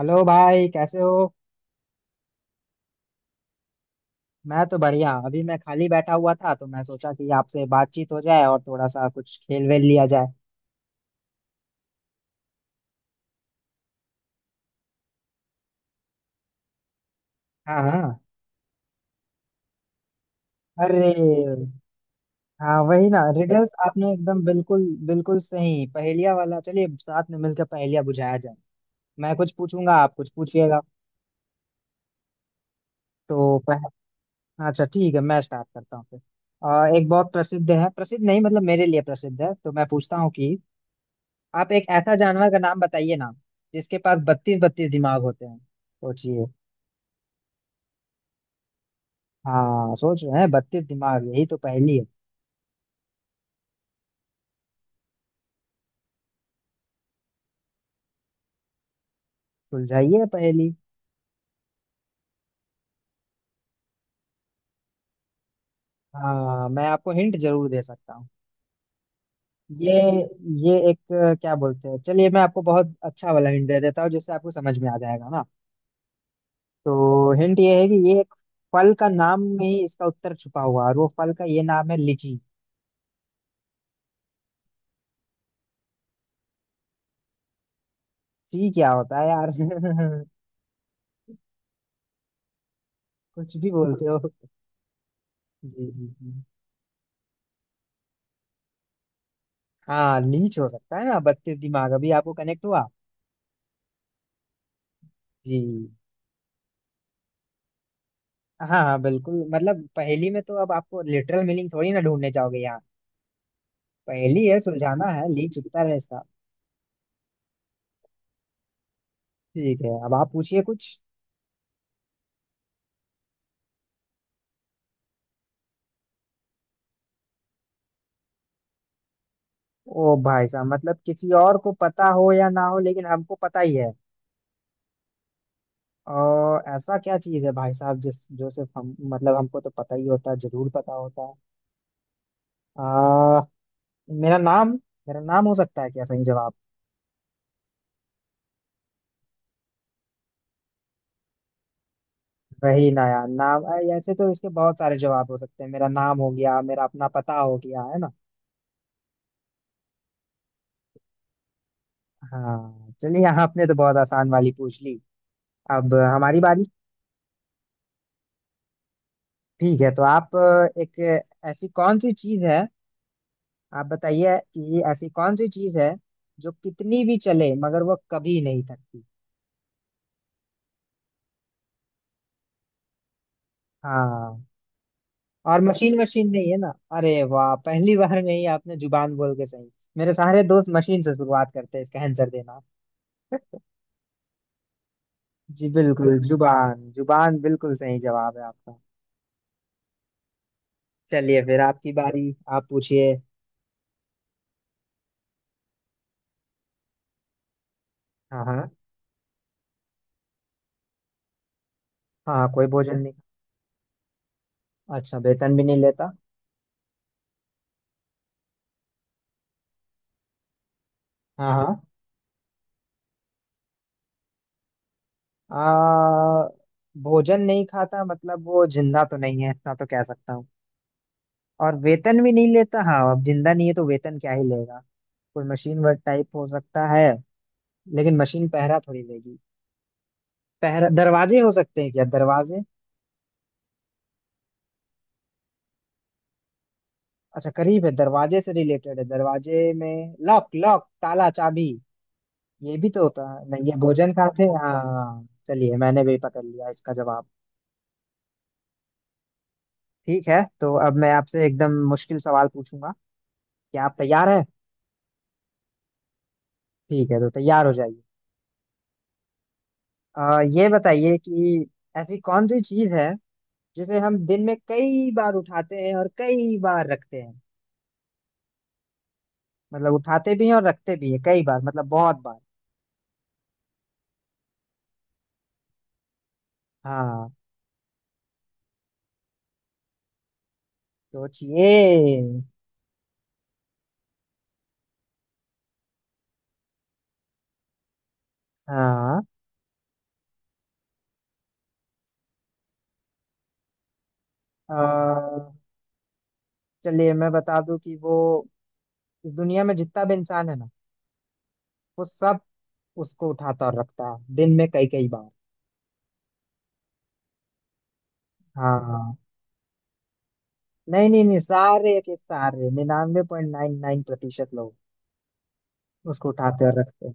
Hello भाई कैसे हो? मैं तो बढ़िया। अभी मैं खाली बैठा हुआ था तो मैं सोचा कि आपसे बातचीत हो जाए और थोड़ा सा कुछ खेल वेल लिया जाए। हाँ हाँ। अरे। हाँ वही ना, रिडल्स। आपने एकदम बिल्कुल बिल्कुल सही, पहेलिया वाला। चलिए साथ में मिलकर पहेलिया बुझाया जाए। मैं कुछ पूछूंगा, आप कुछ पूछिएगा। तो पह... अच्छा ठीक है, मैं स्टार्ट करता हूँ फिर। एक बहुत प्रसिद्ध है, प्रसिद्ध नहीं, मतलब मेरे लिए प्रसिद्ध है, तो मैं पूछता हूँ कि आप एक ऐसा जानवर का नाम बताइए ना जिसके पास 32 32 दिमाग होते हैं। सोचिए। हाँ, सोच रहे हैं 32 दिमाग, यही तो पहेली है। सुलझाइए पहेली। हाँ, मैं आपको हिंट जरूर दे सकता हूँ। ये ये एक, क्या बोलते हैं, चलिए मैं आपको बहुत अच्छा वाला हिंट दे देता हूँ जिससे आपको समझ में आ जाएगा ना। तो हिंट ये है कि ये एक फल का नाम में ही इसका उत्तर छुपा हुआ है और वो फल का ये नाम है लीची। ची क्या होता है यार। कुछ भी बोलते हो। जी जी जी। हाँ लीच हो सकता है ना, 32 दिमाग, अभी आपको कनेक्ट हुआ। जी। हाँ हाँ बिल्कुल, मतलब पहेली में तो अब आपको लिटरल मीनिंग थोड़ी ना ढूंढने जाओगे यहाँ। पहेली है, सुलझाना है, ली चुकता है इसका। ठीक है, अब आप पूछिए कुछ। ओ भाई साहब, मतलब किसी और को पता हो या ना हो लेकिन हमको पता ही है। और ऐसा क्या चीज है भाई साहब, जिस जो सिर्फ हम, मतलब हमको तो पता ही होता है, जरूर पता होता है। आ, मेरा नाम। मेरा नाम हो सकता है क्या, सही जवाब? वही ना यार, नाम, ऐसे तो इसके बहुत सारे जवाब हो सकते हैं, मेरा नाम हो गया, मेरा अपना पता हो गया, है ना। हाँ चलिए, यहाँ आपने तो बहुत आसान वाली पूछ ली। अब हमारी बारी। ठीक है, तो आप, एक ऐसी कौन सी चीज है, आप बताइए कि ऐसी कौन सी चीज है जो कितनी भी चले मगर वो कभी नहीं थकती। हाँ। और मशीन मशीन नहीं है ना, अरे वाह, पहली बार में ही आपने जुबान बोल के सही। मेरे सारे दोस्त मशीन से शुरुआत करते हैं इसका आंसर देना। जी बिल्कुल, जुबान जुबान, बिल्कुल सही जवाब है आपका। चलिए फिर आपकी बारी, आप पूछिए। हाँ हाँ हाँ। कोई भोजन नहीं। अच्छा, वेतन भी नहीं लेता। हाँ हाँ। आ, भोजन नहीं खाता मतलब वो जिंदा तो नहीं है, इतना तो कह सकता हूँ। और वेतन भी नहीं लेता, हाँ अब जिंदा नहीं है तो वेतन क्या ही लेगा। कोई मशीन वर्क टाइप हो सकता है, लेकिन मशीन पहरा थोड़ी लेगी। पहरा, दरवाजे हो सकते हैं क्या, दरवाजे। अच्छा करीब है, दरवाजे से रिलेटेड है, दरवाजे में लॉक लॉक, ताला, चाबी। ये भी तो होता है, नहीं ये भोजन खाते हैं, हाँ चलिए मैंने भी पकड़ लिया इसका जवाब। ठीक है तो अब मैं आपसे एकदम मुश्किल सवाल पूछूंगा, क्या आप तैयार है? ठीक है तो तैयार हो जाइए। ये बताइए कि ऐसी कौन सी चीज है जिसे हम दिन में कई बार उठाते हैं और कई बार रखते हैं, मतलब उठाते भी हैं और रखते भी हैं कई बार, मतलब बहुत बार। हाँ। सोचिए। हाँ, अ, चलिए मैं बता दूं कि वो इस दुनिया में जितना भी इंसान है ना, वो सब उसको उठाता और रखता है दिन में कई कई बार। हाँ। नहीं नहीं नहीं, सारे के सारे 99.99% उसको उठाते और रखते हैं।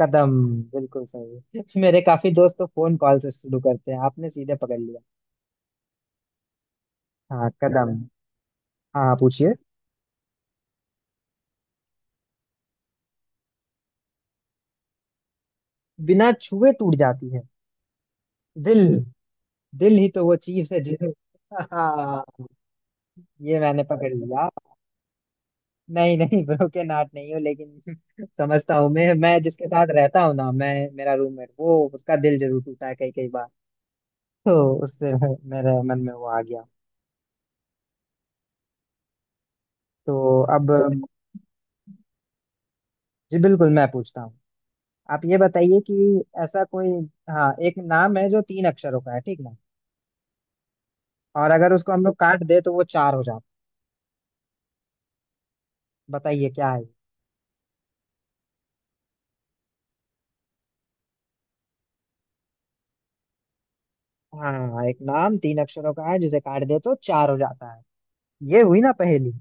कदम, बिल्कुल सही। मेरे काफी दोस्त तो फोन कॉल से शुरू करते हैं, आपने सीधे पकड़ लिया। हाँ कदम। हाँ हाँ, पूछिए। बिना छुए टूट जाती है, दिल। दिल ही तो वो चीज है जिसे। हाँ, ये मैंने पकड़ लिया। नहीं नहीं, ब्रोकन हार्ट नहीं हूँ लेकिन, समझता हूँ मैं। मैं जिसके साथ रहता हूँ ना, मैं, मेरा रूममेट, वो उसका दिल जरूर टूटा है कई कई बार। तो उससे मेरे मन में वो आ गया। तो अब, जी बिल्कुल मैं पूछता हूँ। आप ये बताइए कि ऐसा कोई, हाँ एक नाम है जो तीन अक्षरों का है, ठीक ना, और अगर उसको हम लोग काट दे तो वो चार हो जाता है, बताइए क्या है ये? हाँ एक नाम तीन अक्षरों का है जिसे काट दे तो चार हो जाता है, ये हुई ना पहेली।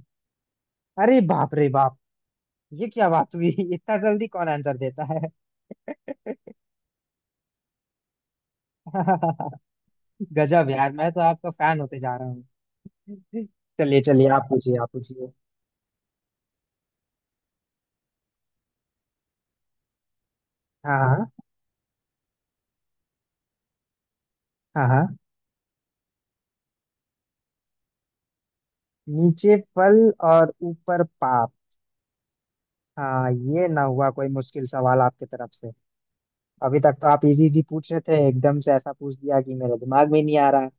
अरे बाप रे बाप, ये क्या बात हुई। इतना जल्दी कौन आंसर देता है। गजब यार, मैं तो आपका फैन होते जा रहा हूँ। चलिए चलिए, आप पूछिए आप पूछिए। हाँ हाँ हाँ हाँ। नीचे फल और ऊपर पाप। हाँ ये ना हुआ कोई मुश्किल सवाल आपकी तरफ से। अभी तक तो आप इजी इजी पूछ रहे थे, एकदम से ऐसा पूछ दिया कि मेरे दिमाग में नहीं आ रहा है।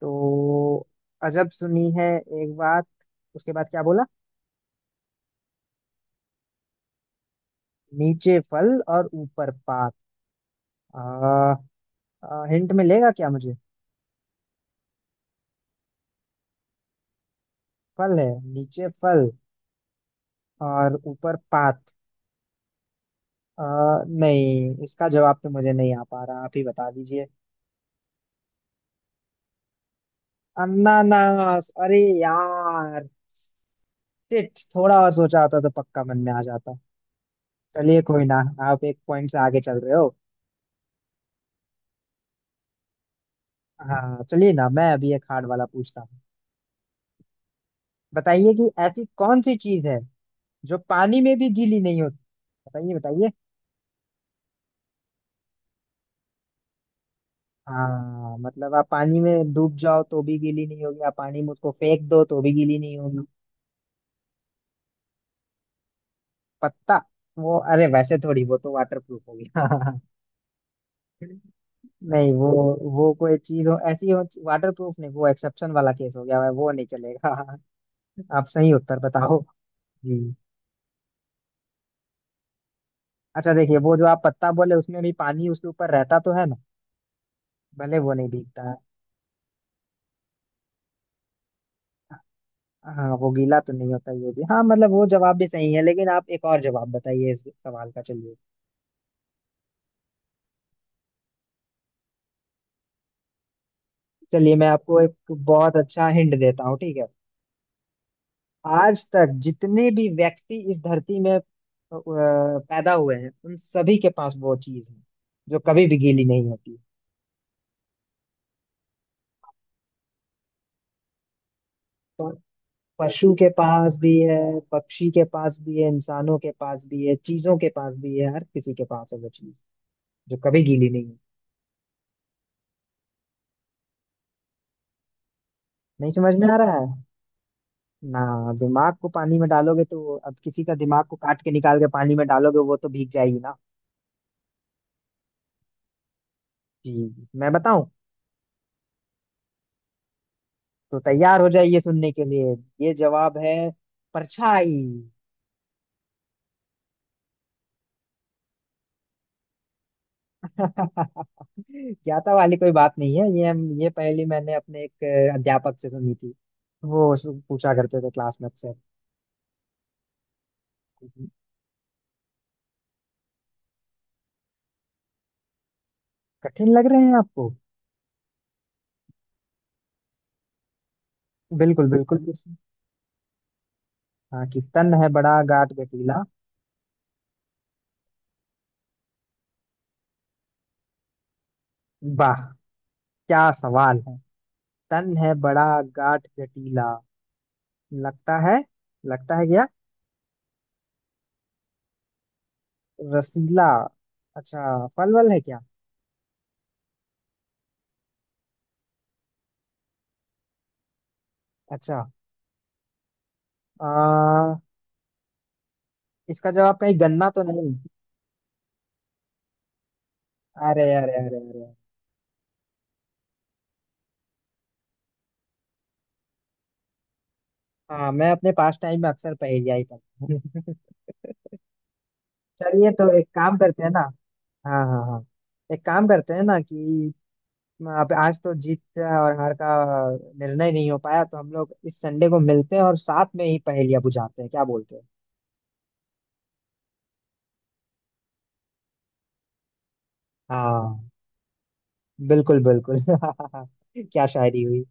तो, अजब सुनी है एक बात, उसके बाद क्या बोला? नीचे फल और ऊपर पात। आ, हिंट मिलेगा क्या मुझे? फल है, नीचे फल और ऊपर पात। आ, नहीं इसका जवाब तो मुझे नहीं आ पा रहा, आप ही बता दीजिए। अनानास? अरे यार, शिट, थोड़ा और सोचा होता तो पक्का मन में आ जाता। चलिए कोई ना, आप एक पॉइंट से आगे चल रहे हो। हाँ चलिए ना, मैं अभी एक हार्ड वाला पूछता हूँ। बताइए कि ऐसी कौन सी चीज है जो पानी में भी गीली नहीं होती, बताइए बताइए। हाँ मतलब आप पानी में डूब जाओ तो भी गीली नहीं होगी, आप पानी में उसको फेंक दो तो भी गीली नहीं होगी। पत्ता? वो अरे, वैसे थोड़ी, वो तो वाटर प्रूफ होगी। नहीं वो कोई चीज हो ऐसी हो, वाटर प्रूफ नहीं, वो एक्सेप्शन वाला केस हो गया, वो नहीं चलेगा। आप सही उत्तर बताओ। जी। अच्छा देखिए, वो जो आप पत्ता बोले उसमें भी पानी उसके ऊपर रहता तो है ना, भले वो नहीं भीगता है। हाँ वो गीला तो नहीं होता, ये भी, हाँ मतलब वो जवाब भी सही है, लेकिन आप एक और जवाब बताइए इस सवाल का, चलिए। चलिए मैं आपको एक बहुत अच्छा हिंट देता हूँ, ठीक है। आज तक जितने भी व्यक्ति इस धरती में पैदा हुए हैं, उन सभी के पास वो चीज है जो कभी भी गीली नहीं होती। तो पशु के पास भी है, पक्षी के पास भी है, इंसानों के पास भी है, चीजों के पास भी है, हर किसी के पास है वो चीज जो कभी गीली नहीं है। नहीं समझ में आ रहा है ना। दिमाग को पानी में डालोगे तो, अब किसी का दिमाग को काट के निकाल के पानी में डालोगे वो तो भीग जाएगी ना। जी मैं बताऊं? तो तैयार हो जाइए सुनने के लिए, ये जवाब है, परछाई। ज्ञाता वाली कोई बात नहीं है, ये हम, ये पहेली मैंने अपने एक अध्यापक से सुनी थी। वो पूछा करते थे क्लास में अक्सर। कठिन लग रहे हैं आपको? बिल्कुल बिल्कुल। हाँ, कि तन है बड़ा गाट गठीला। वाह, क्या सवाल है। तन है बड़ा, गाठ जटीला, लगता है, लगता है क्या? रसीला। अच्छा, फल वल है क्या? अच्छा, आ, इसका जवाब कहीं गन्ना तो नहीं? अरे अरे अरे अरे। हाँ मैं अपने पास टाइम में अक्सर पहेलिया ही पढ़ता हूँ। चलिए तो एक काम करते हैं ना। हाँ हाँ हाँ। एक काम करते हैं ना कि, अब आज तो जीत और हार का निर्णय नहीं हो पाया, तो हम लोग इस संडे को मिलते हैं और साथ में ही पहेलियां बुझाते हैं, क्या बोलते हैं? हाँ बिल्कुल बिल्कुल। क्या शायरी हुई।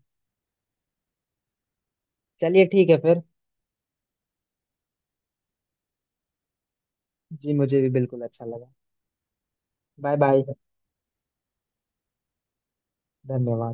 चलिए ठीक है फिर। जी मुझे भी बिल्कुल अच्छा लगा। Bye bye. धन्यवाद।